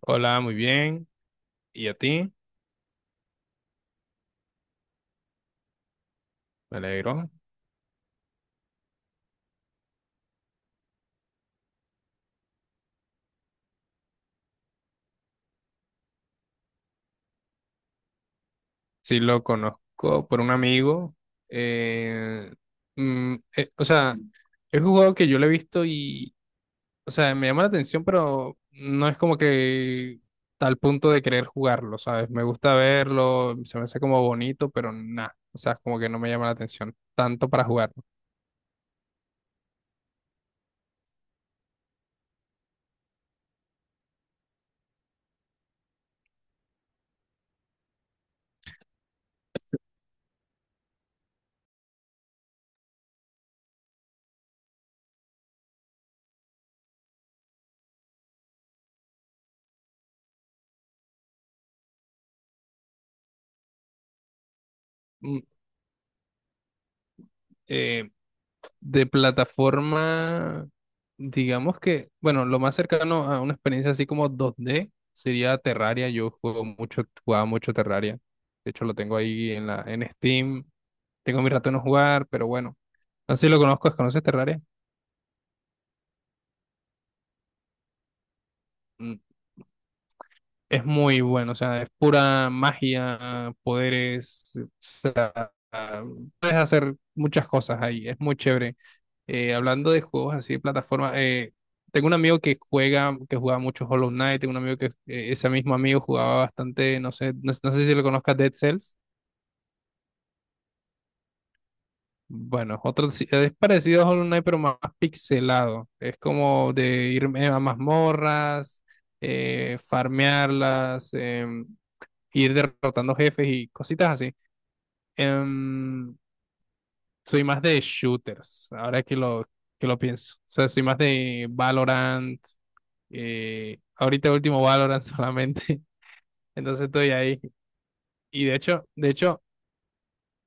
Hola, muy bien. ¿Y a ti? Me alegro. Sí, lo conozco por un amigo. Eh, o sea, es un juego que yo lo he visto o sea, me llama la atención, pero no es como que tal punto de querer jugarlo, ¿sabes? Me gusta verlo, se me hace como bonito, pero nada. O sea, como que no me llama la atención tanto para jugarlo. Mm, eh, De plataforma, digamos que, bueno, lo más cercano a una experiencia así como dos d sería Terraria. Jugaba mucho Terraria. De hecho, lo tengo ahí en en Steam. Tengo mi rato de no jugar, pero bueno. No sé si lo conozco, ¿conoces Terraria? Mm, Es muy bueno, o sea, es pura magia, poderes. Ah, Puedes hacer muchas cosas ahí, es muy chévere. Hablando de juegos así de plataforma, tengo un amigo que jugaba mucho Hollow Knight. Tengo un amigo que ese mismo amigo jugaba bastante, no sé, no sé si lo conozcas, Dead Cells. Bueno, otro si- es parecido a Hollow Knight, pero más pixelado. Es como de irme a mazmorras, farmearlas, ir derrotando jefes y cositas así. Em, Soy más de shooters, ahora que que lo pienso. O sea, soy más de Valorant, ahorita último Valorant solamente, entonces estoy ahí. Y de hecho,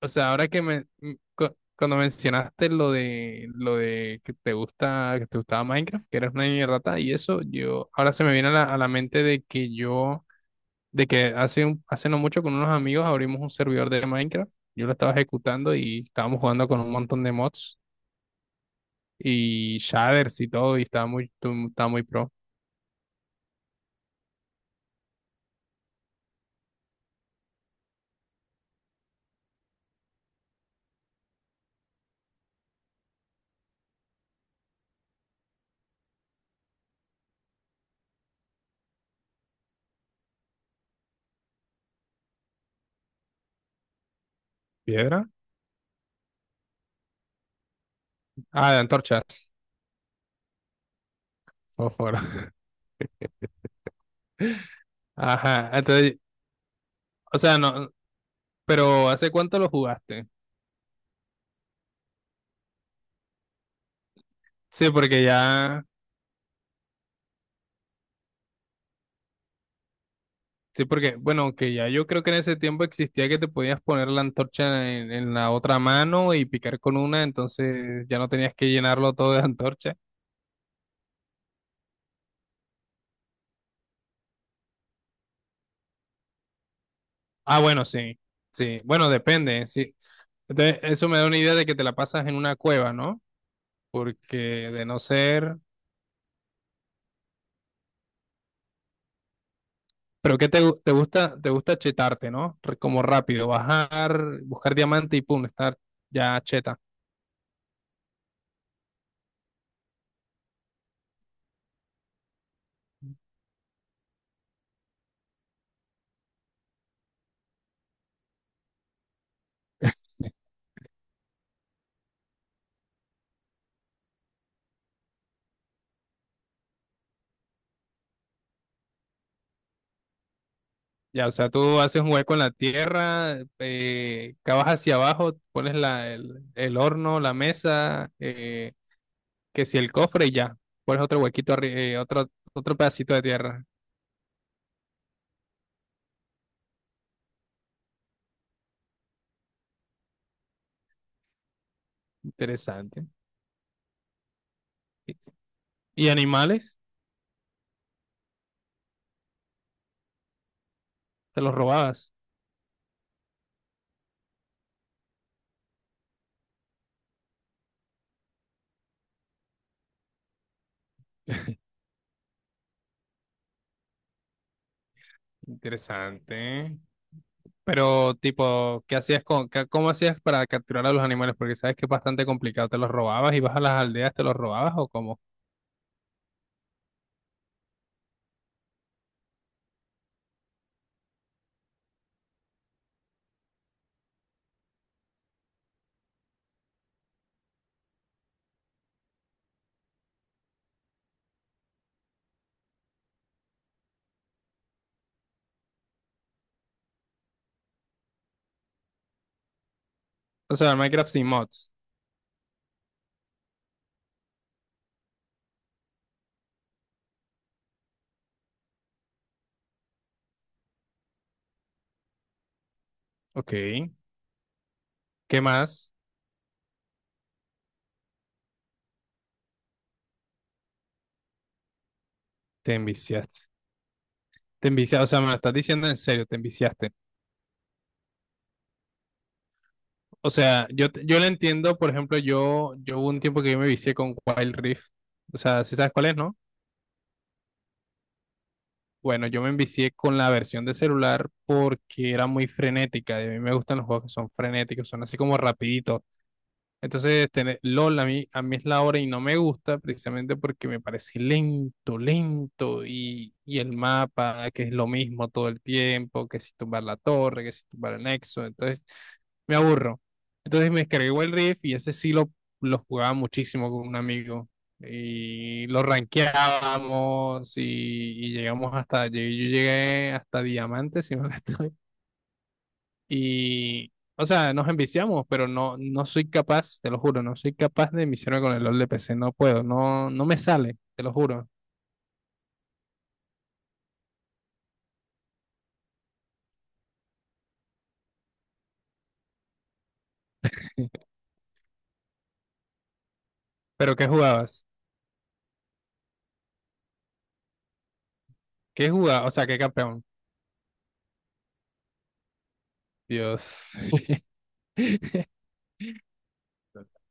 o sea, ahora que cuando mencionaste lo lo de que te gusta, que te gustaba Minecraft, que eres una niña rata y eso, yo, ahora se me viene a a la mente de que yo, de que hace hace no mucho con unos amigos abrimos un servidor de Minecraft. Yo lo estaba ejecutando y estábamos jugando con un montón de mods y shaders y todo, y estaba estaba muy pro. ¿Piedra? Ah, de antorchas, fósforo. Ajá, entonces, o sea, no, pero ¿hace cuánto lo jugaste? Sí, porque ya, sí, porque, bueno, que ya yo creo que en ese tiempo existía que te podías poner la antorcha en la otra mano y picar con una, entonces ya no tenías que llenarlo todo de antorcha. Ah, bueno, sí, sí, bueno, depende, sí. Entonces, eso me da una idea de que te la pasas en una cueva, ¿no? Porque de no ser... Pero qué te gusta chetarte, ¿no? Re- como rápido, bajar, buscar diamante y pum, estar ya cheta. Ya, o sea, tú haces un hueco en la tierra, cavas hacia abajo, pones el horno, la mesa, que si el cofre y ya. Pones otro huequito arriba, otro pedacito de tierra. Interesante. ¿Y y animales? Te los robabas. Interesante. Pero, tipo, ¿qué cómo hacías para capturar a los animales? Porque sabes que es bastante complicado. ¿Te los robabas? ¿Ibas a las aldeas, te los robabas o cómo? O sea, Minecraft sin mods. Ok. ¿Qué más? Te enviciaste. Te enviciaste. O sea, me lo estás diciendo en serio, te enviciaste. O sea, yo lo entiendo. Por ejemplo, yo hubo un tiempo que yo me vicié con Wild Rift. O sea, si sabes cuál es, ¿no? Bueno, yo me envicié con la versión de celular porque era muy frenética. Y a mí me gustan los juegos que son frenéticos, son así como rapiditos. Entonces, tener LOL a mí es la hora y no me gusta precisamente porque me parece lento, lento y el mapa, que es lo mismo todo el tiempo, que si tumbar la torre, que si tumbar el nexo, entonces me aburro. Entonces me descargué el Rift y ese sí lo jugaba muchísimo con un amigo y lo rankeábamos y llegamos yo llegué hasta Diamante, si no me estoy y, o sea, nos enviciamos, pero no, no soy capaz, te lo juro, no soy capaz de enviciarme con el LOL de P C, no puedo, no me sale, te lo juro. Pero ¿qué jugabas? ¿Qué jugabas? O sea, ¿qué campeón? Dios.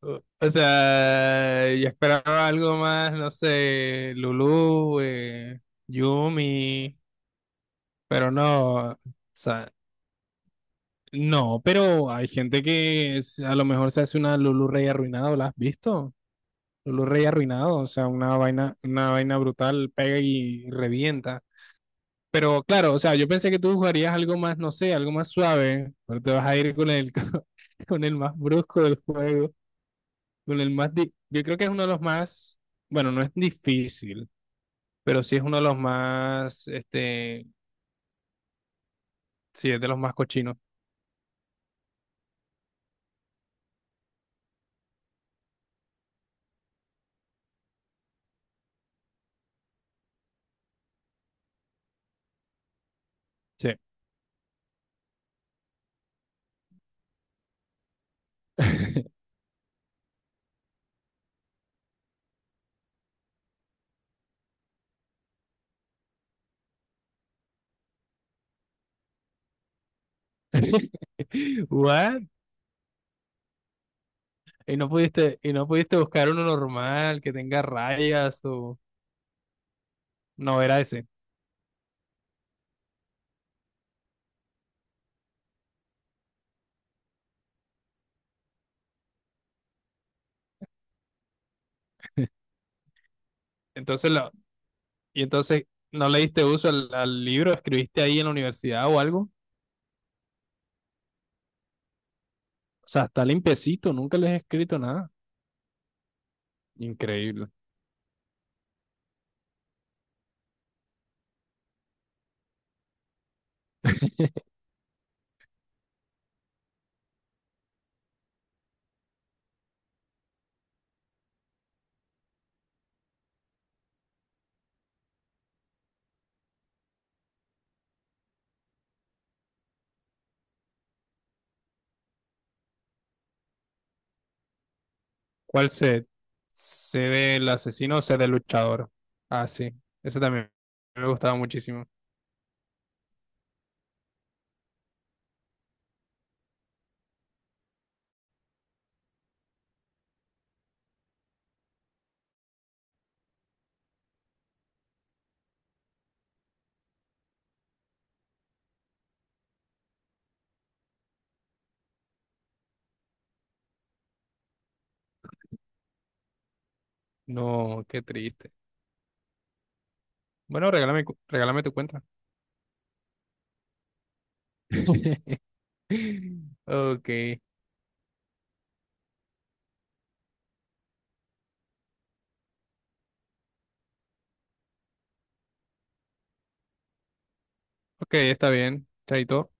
O sea, yo esperaba algo más, no sé, Lulu, Yumi, pero no, o sea, no, pero hay gente a lo mejor se hace una Lulu Rey arruinada, ¿la has visto? Blu Rey arruinado, o sea, una vaina brutal, pega y revienta. Pero claro, o sea, yo pensé que tú jugarías algo más, no sé, algo más suave, pero te vas a ir con el, con el más brusco del juego, con el yo creo que es uno de los más, bueno, no es difícil, pero sí es uno de los más, este, sí, es de los más cochinos, sí. What? ¿Y no pudiste, buscar uno normal que tenga rayas o no era ese? Entonces lo, Y entonces, ¿no le diste uso al libro? ¿Escribiste ahí en la universidad o algo? O sea, está limpiecito, nunca les he escrito nada. Increíble. ¿Cuál se ¿Se del asesino o se del luchador? Ah, sí. Ese también me gustaba muchísimo. No, qué triste. Bueno, regálame tu cuenta. Ok, ok, está bien. Chaito.